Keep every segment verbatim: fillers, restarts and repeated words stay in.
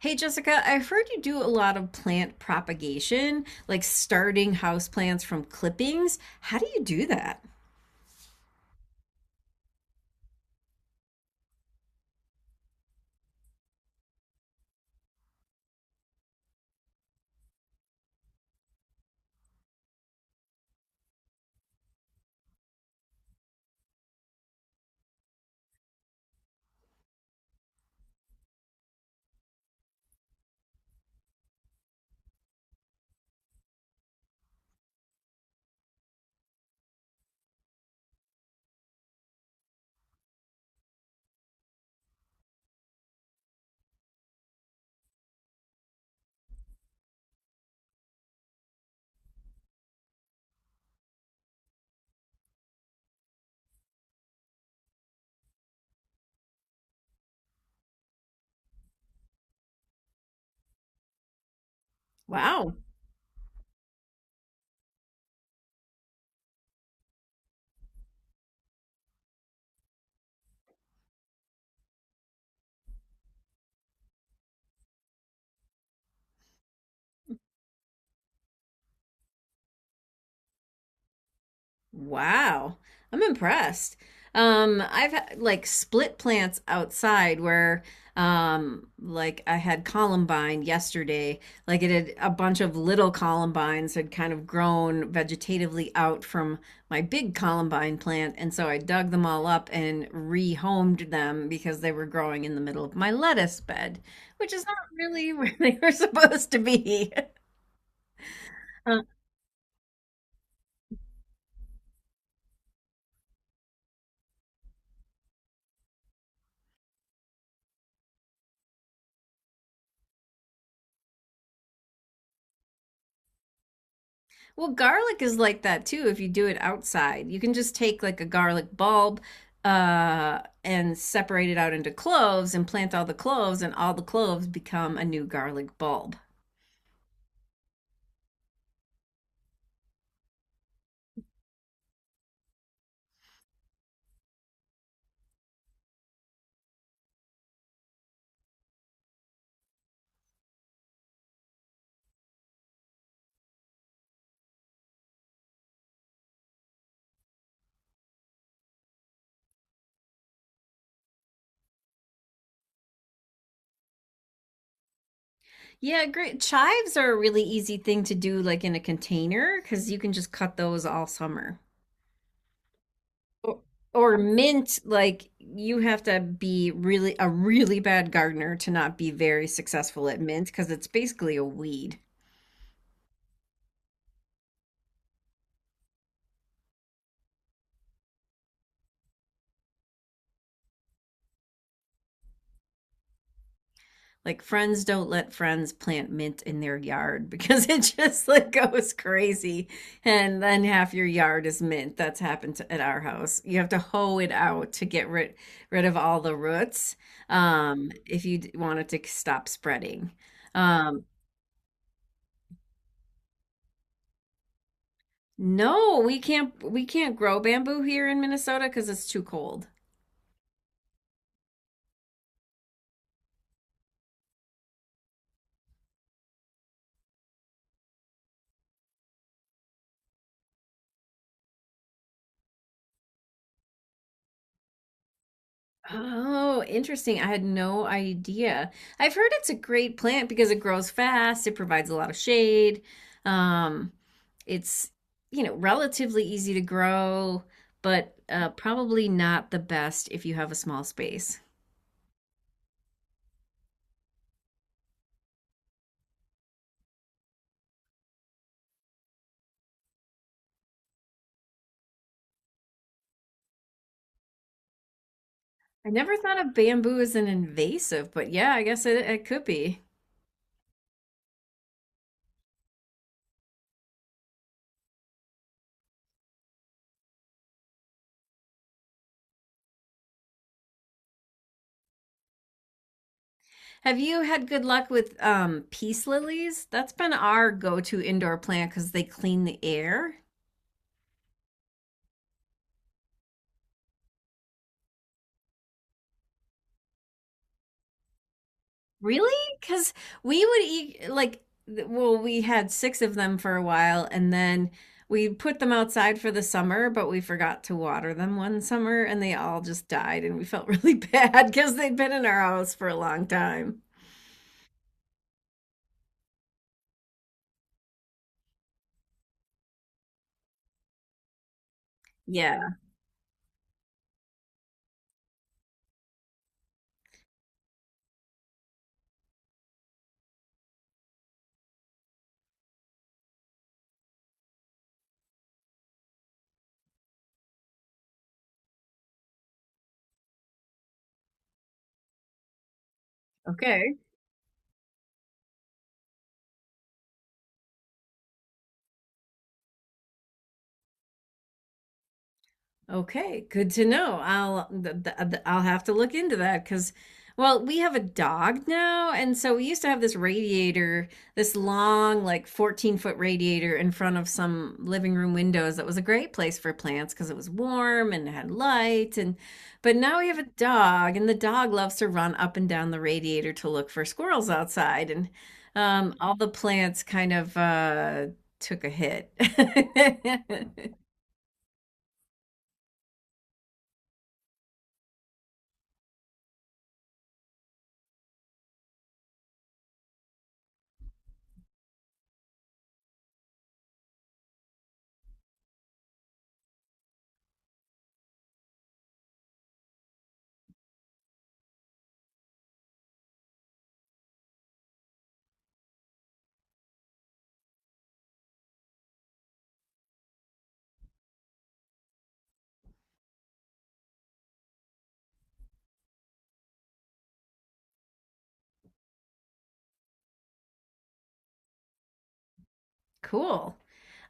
Hey Jessica, I've heard you do a lot of plant propagation, like starting houseplants from clippings. How do you do that? Wow. Wow, I'm impressed. Um, I've had like split plants outside where um like I had columbine yesterday. Like it had a bunch of little columbines had kind of grown vegetatively out from my big columbine plant, and so I dug them all up and rehomed them because they were growing in the middle of my lettuce bed, which is not really where they were supposed to be. Well, garlic is like that too if you do it outside. You can just take like a garlic bulb uh and separate it out into cloves and plant all the cloves and all the cloves become a new garlic bulb. Yeah, great. Chives are a really easy thing to do like in a container cuz you can just cut those all summer. Or, or mint, like you have to be really a really bad gardener to not be very successful at mint cuz it's basically a weed. Like friends don't let friends plant mint in their yard because it just like goes crazy and then half your yard is mint. That's happened to, at our house. You have to hoe it out to get rid rid of all the roots um if you d- want it to stop spreading. Um no, we can't we can't grow bamboo here in Minnesota because it's too cold. Oh, interesting. I had no idea. I've heard it's a great plant because it grows fast, it provides a lot of shade. Um, it's, you know, relatively easy to grow, but uh, probably not the best if you have a small space. I never thought of bamboo as an invasive, but yeah, I guess it, it could be. Have you had good luck with um, peace lilies? That's been our go-to indoor plant because they clean the air. Really? Because we would eat like th- well, we had six of them for a while, and then we put them outside for the summer, but we forgot to water them one summer, and they all just died, and we felt really bad because they'd been in our house for a long time. Yeah. Okay. Okay, good to know. I'll th th th- I'll have to look into that because, well, we have a dog now, and so we used to have this radiator, this long, like fourteen foot radiator in front of some living room windows that was a great place for plants because it was warm and it had light and but now we have a dog, and the dog loves to run up and down the radiator to look for squirrels outside, and um, all the plants kind of uh, took a hit. Cool.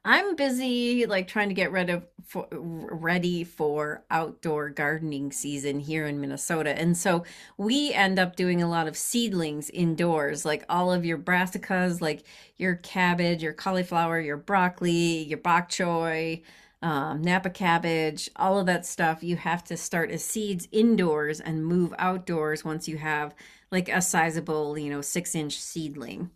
I'm busy like trying to get rid of for, ready for outdoor gardening season here in Minnesota. And so we end up doing a lot of seedlings indoors, like all of your brassicas, like your cabbage, your cauliflower, your broccoli, your bok choy, um, Napa cabbage, all of that stuff. You have to start as seeds indoors and move outdoors once you have like a sizable, you know, six inch seedling.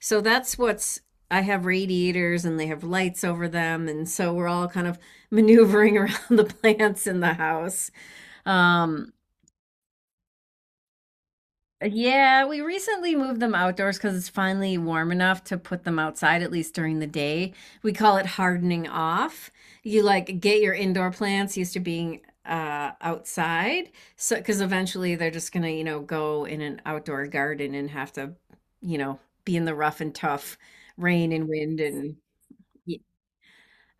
So that's what's I have radiators and they have lights over them and so we're all kind of maneuvering around the plants in the house. Um yeah, we recently moved them outdoors because it's finally warm enough to put them outside, at least during the day. We call it hardening off. You like get your indoor plants used to being uh, outside. So, because eventually they're just gonna, you know, go in an outdoor garden and have to, you know, be in the rough and tough rain and wind and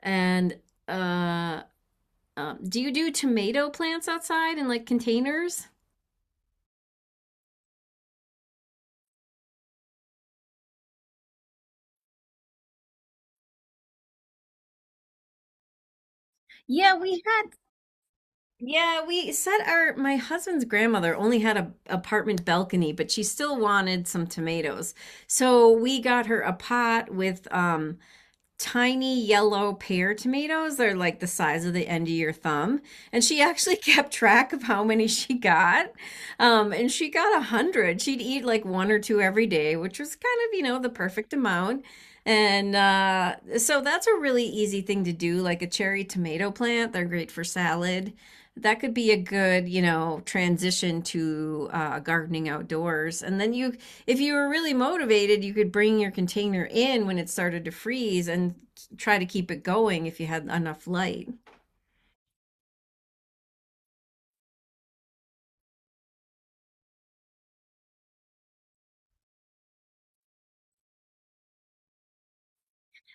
And uh, um, do you do tomato plants outside in like containers? Yeah, we had yeah, we set our my husband's grandmother only had a apartment balcony, but she still wanted some tomatoes. So we got her a pot with um tiny yellow pear tomatoes. They're like the size of the end of your thumb. And she actually kept track of how many she got. Um, and she got a hundred. She'd eat like one or two every day, which was kind of, you know, the perfect amount. And uh, so that's a really easy thing to do, like a cherry tomato plant. They're great for salad. That could be a good, you know, transition to uh, gardening outdoors. And then you if you were really motivated, you could bring your container in when it started to freeze and try to keep it going if you had enough light.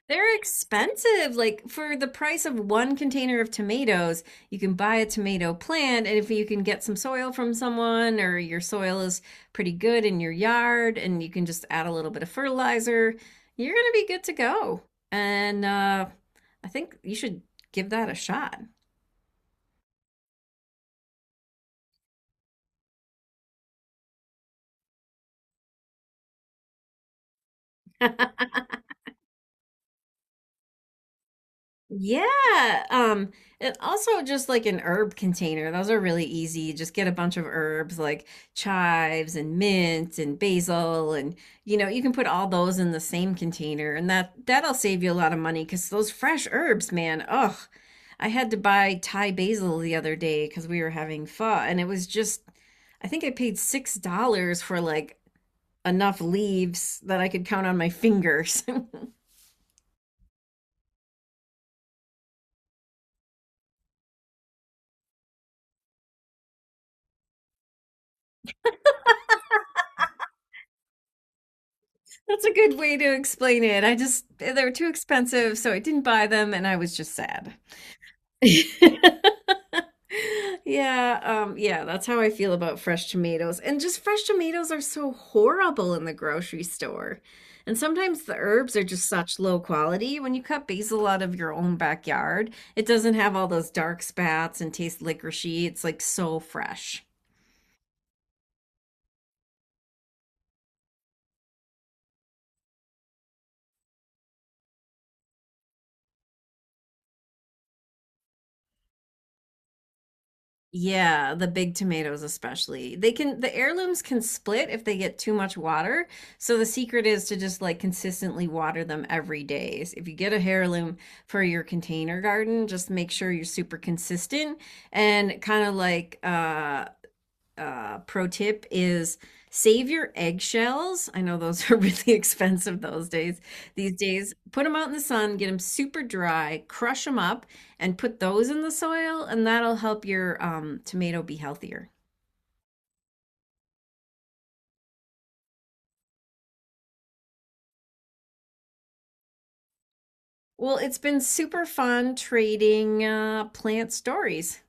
They're expensive. Like for the price of one container of tomatoes, you can buy a tomato plant. And if you can get some soil from someone or your soil is pretty good in your yard and you can just add a little bit of fertilizer, you're going to be good to go. And uh, I think you should give that a shot. Yeah. Um, and also just like an herb container. Those are really easy. Just get a bunch of herbs like chives and mint and basil and, you know, you can put all those in the same container and that that'll save you a lot of money because those fresh herbs, man. Ugh. I had to buy Thai basil the other day because we were having pho and it was just I think I paid six dollars for like enough leaves that I could count on my fingers. That's a good way to explain it. I just, they were too expensive, so I didn't buy them and I was just sad. Yeah, um, yeah, that's how I feel about fresh tomatoes. And just fresh tomatoes are so horrible in the grocery store. And sometimes the herbs are just such low quality. When you cut basil out of your own backyard, it doesn't have all those dark spats and taste licoricey. It's like so fresh. Yeah, the big tomatoes especially. They can the heirlooms can split if they get too much water. So the secret is to just like consistently water them every day. So if you get a heirloom for your container garden, just make sure you're super consistent and kind of like uh uh, pro tip is save your eggshells. I know those are really expensive those days. These days, put them out in the sun, get them super dry, crush them up, and put those in the soil, and that'll help your um, tomato be healthier. Well, it's been super fun trading uh, plant stories.